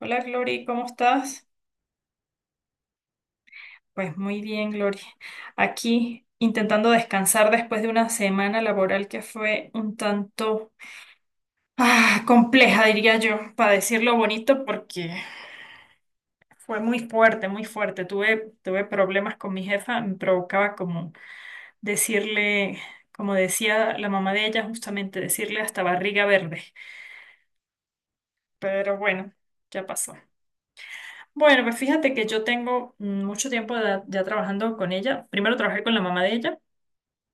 Hola, Glory, ¿cómo estás? Pues muy bien, Glory. Aquí intentando descansar después de una semana laboral que fue un tanto compleja, diría yo, para decirlo bonito, porque fue muy fuerte, muy fuerte. Tuve problemas con mi jefa, me provocaba como decirle, como decía la mamá de ella, justamente decirle hasta barriga verde. Pero bueno, ya pasó. Bueno, pues fíjate que yo tengo mucho tiempo ya trabajando con ella. Primero trabajé con la mamá de ella,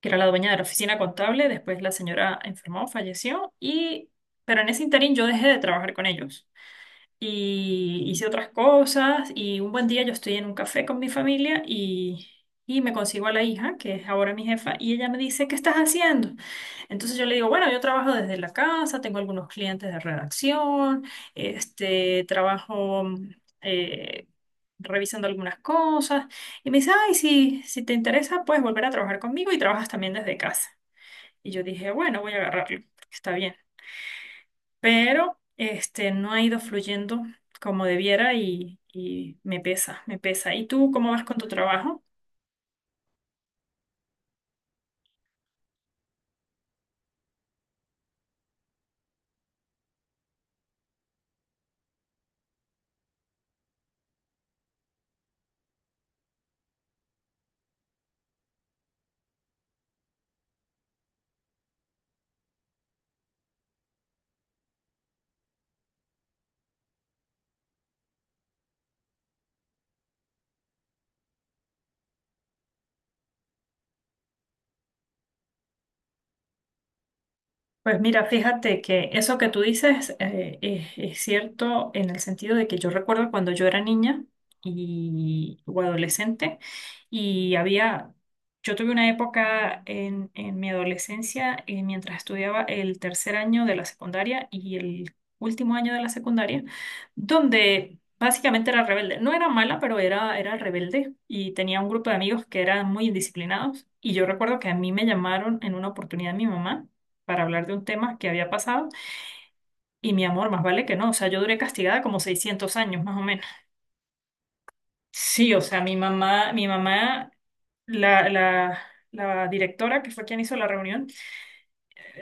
que era la dueña de la oficina contable. Después la señora enfermó, falleció, y, pero en ese interín yo dejé de trabajar con ellos y hice otras cosas, y un buen día yo estoy en un café con mi familia y, me consigo a la hija, que es ahora mi jefa, y ella me dice, ¿qué estás haciendo? Entonces yo le digo, bueno, yo trabajo desde la casa, tengo algunos clientes de redacción, este, trabajo eh, revisando algunas cosas, y me dice, ay, si te interesa, puedes volver a trabajar conmigo y trabajas también desde casa. Y yo dije, bueno, voy a agarrarlo, porque está bien, pero este, no ha ido fluyendo como debiera y me pesa, me pesa. ¿Y tú cómo vas con tu trabajo? Pues mira, fíjate que eso que tú dices es cierto, en el sentido de que yo recuerdo cuando yo era niña y, o adolescente, y había, yo tuve una época en mi adolescencia, mientras estudiaba el tercer año de la secundaria y el último año de la secundaria, donde básicamente era rebelde. No era mala, pero era, era rebelde, y tenía un grupo de amigos que eran muy indisciplinados, y yo recuerdo que a mí me llamaron en una oportunidad mi mamá para hablar de un tema que había pasado, y mi amor, más vale que no, o sea, yo duré castigada como 600 años más o menos. Sí, o sea, mi mamá, la, la, la directora, que fue quien hizo la reunión,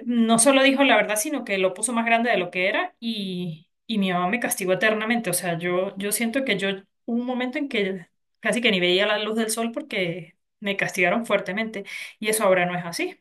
no solo dijo la verdad, sino que lo puso más grande de lo que era, y, mi mamá me castigó eternamente, o sea, yo siento que yo, hubo un momento en que casi que ni veía la luz del sol porque me castigaron fuertemente, y eso ahora no es así.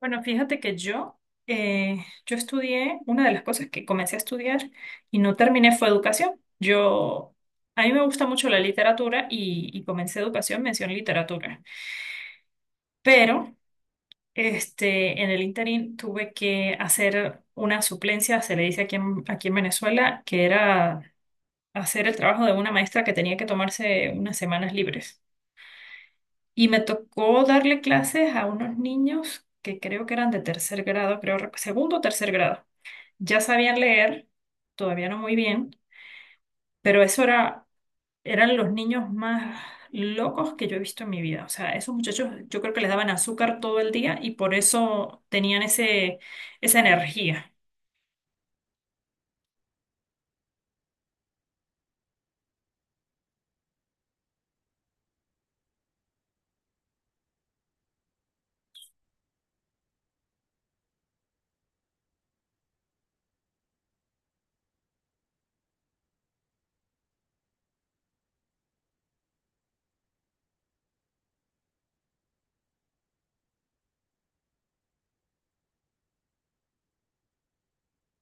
Bueno, fíjate que eh, yo estudié, una de las cosas que comencé a estudiar y no terminé fue educación. Yo, a mí me gusta mucho la literatura y, comencé educación, mención literatura. Pero este, en el interín tuve que hacer una suplencia, se le dice aquí en Venezuela, que era hacer el trabajo de una maestra que tenía que tomarse unas semanas libres. Y me tocó darle clases a unos niños que creo que eran de tercer grado, creo, segundo o tercer grado. Ya sabían leer, todavía no muy bien, pero eran los niños más locos que yo he visto en mi vida. O sea, esos muchachos, yo creo que les daban azúcar todo el día y por eso tenían esa energía.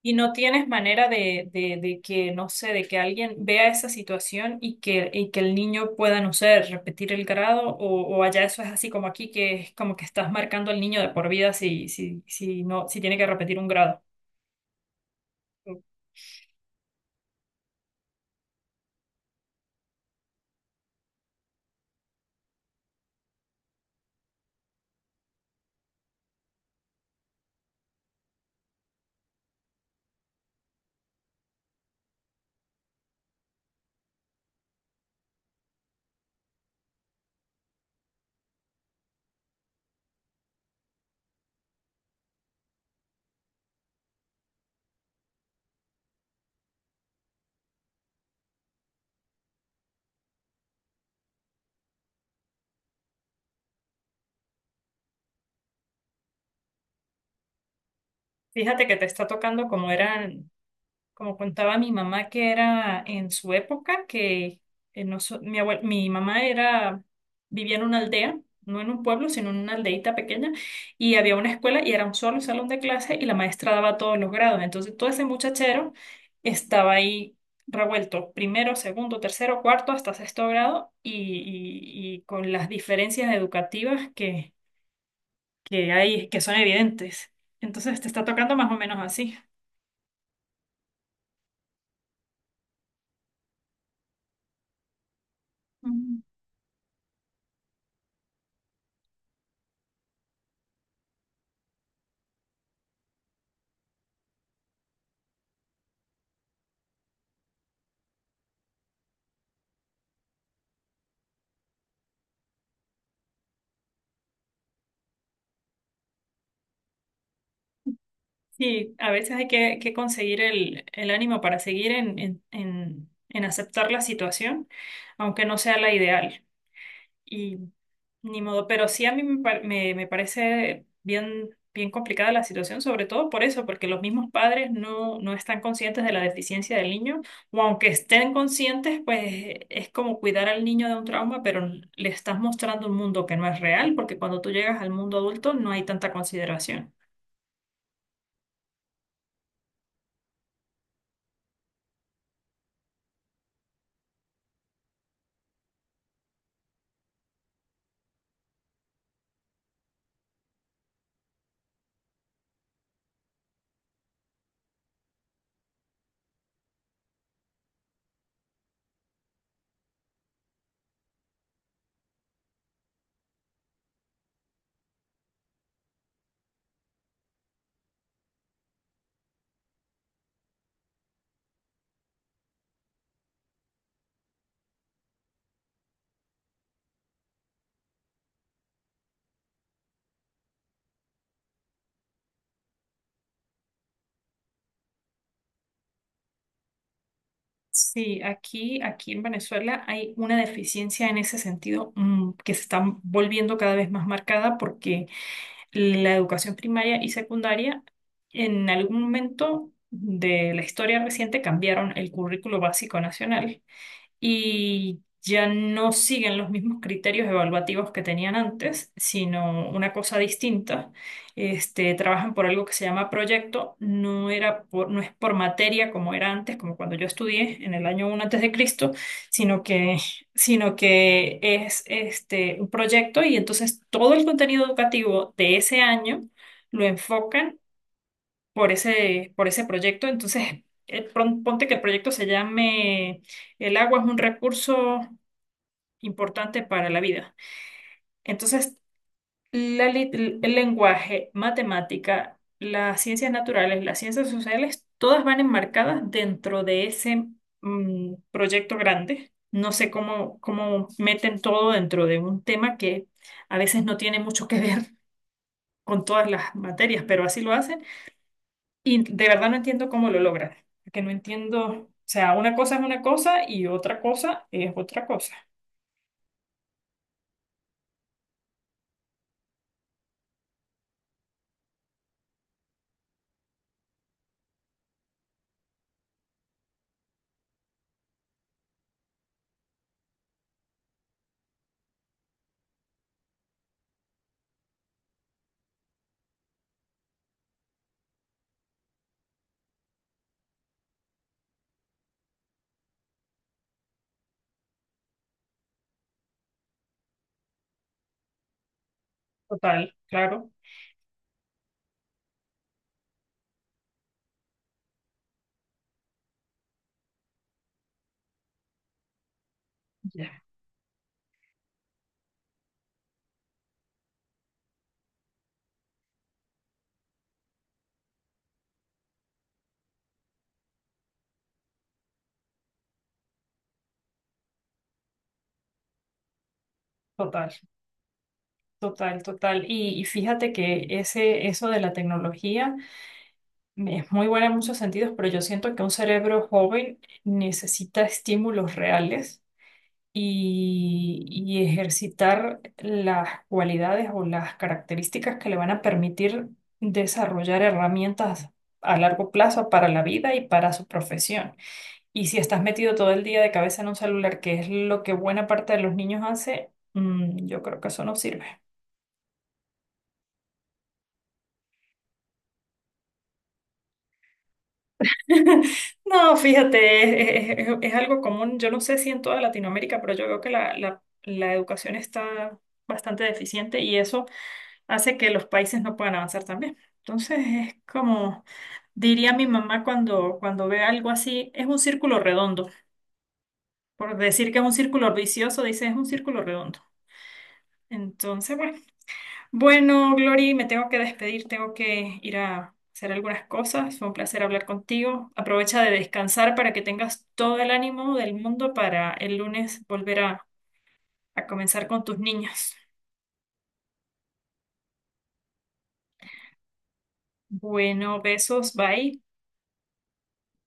¿Y no tienes manera de que, no sé, de que alguien vea esa situación y que el niño pueda, no sé, repetir el grado? O, o allá eso es así como aquí, que es como que estás marcando al niño de por vida si, si, si, no, si tiene que repetir un grado. Fíjate que te está tocando como eran, como contaba mi mamá que era en su época, que mi mamá vivía en una aldea, no en un pueblo, sino en una aldeita pequeña, y había una escuela y era un solo salón de clase, y la maestra daba todos los grados. Entonces, todo ese muchachero estaba ahí revuelto, primero, segundo, tercero, cuarto, hasta sexto grado, y con las diferencias educativas que hay, que son evidentes. Entonces te está tocando más o menos así. Mm. Sí, a veces hay que conseguir el ánimo para seguir en aceptar la situación, aunque no sea la ideal. Y ni modo, pero sí a mí me parece bien, bien complicada la situación, sobre todo por eso, porque los mismos padres no, no están conscientes de la deficiencia del niño, o aunque estén conscientes, pues es como cuidar al niño de un trauma, pero le estás mostrando un mundo que no es real, porque cuando tú llegas al mundo adulto no hay tanta consideración. Sí, aquí, aquí en Venezuela hay una deficiencia en ese sentido, que se está volviendo cada vez más marcada, porque la educación primaria y secundaria, en algún momento de la historia reciente, cambiaron el currículo básico nacional, y ya no siguen los mismos criterios evaluativos que tenían antes, sino una cosa distinta. Este, trabajan por algo que se llama proyecto. No era por, no es por materia como era antes, como cuando yo estudié en el año uno antes de Cristo, sino que, sino que, es, este, un proyecto, y entonces todo el contenido educativo de ese año lo enfocan por ese proyecto. Entonces, ponte que el proyecto se llame "El agua es un recurso importante para la vida". Entonces, el lenguaje, matemática, las ciencias naturales, las ciencias sociales, todas van enmarcadas dentro de ese proyecto grande. No sé cómo meten todo dentro de un tema que a veces no tiene mucho que ver con todas las materias, pero así lo hacen. Y de verdad no entiendo cómo lo logran, porque no entiendo, o sea, una cosa es una cosa y otra cosa es otra cosa. Total, claro, ya, total, total, total. Y fíjate que eso de la tecnología es muy buena en muchos sentidos, pero yo siento que un cerebro joven necesita estímulos reales y ejercitar las cualidades o las características que le van a permitir desarrollar herramientas a largo plazo para la vida y para su profesión. Y si estás metido todo el día de cabeza en un celular, que es lo que buena parte de los niños hace, mm, yo creo que eso no sirve. No, fíjate, es algo común. Yo no sé si en toda Latinoamérica, pero yo veo que la educación está bastante deficiente, y eso hace que los países no puedan avanzar también. Entonces es como diría mi mamá cuando, ve algo así, es un círculo redondo. Por decir que es un círculo vicioso, dice es un círculo redondo. Entonces, bueno, bueno, Glory, me tengo que despedir, tengo que ir a hacer algunas cosas. Fue un placer hablar contigo. Aprovecha de descansar para que tengas todo el ánimo del mundo para el lunes volver a comenzar con tus niños. Bueno, besos, bye.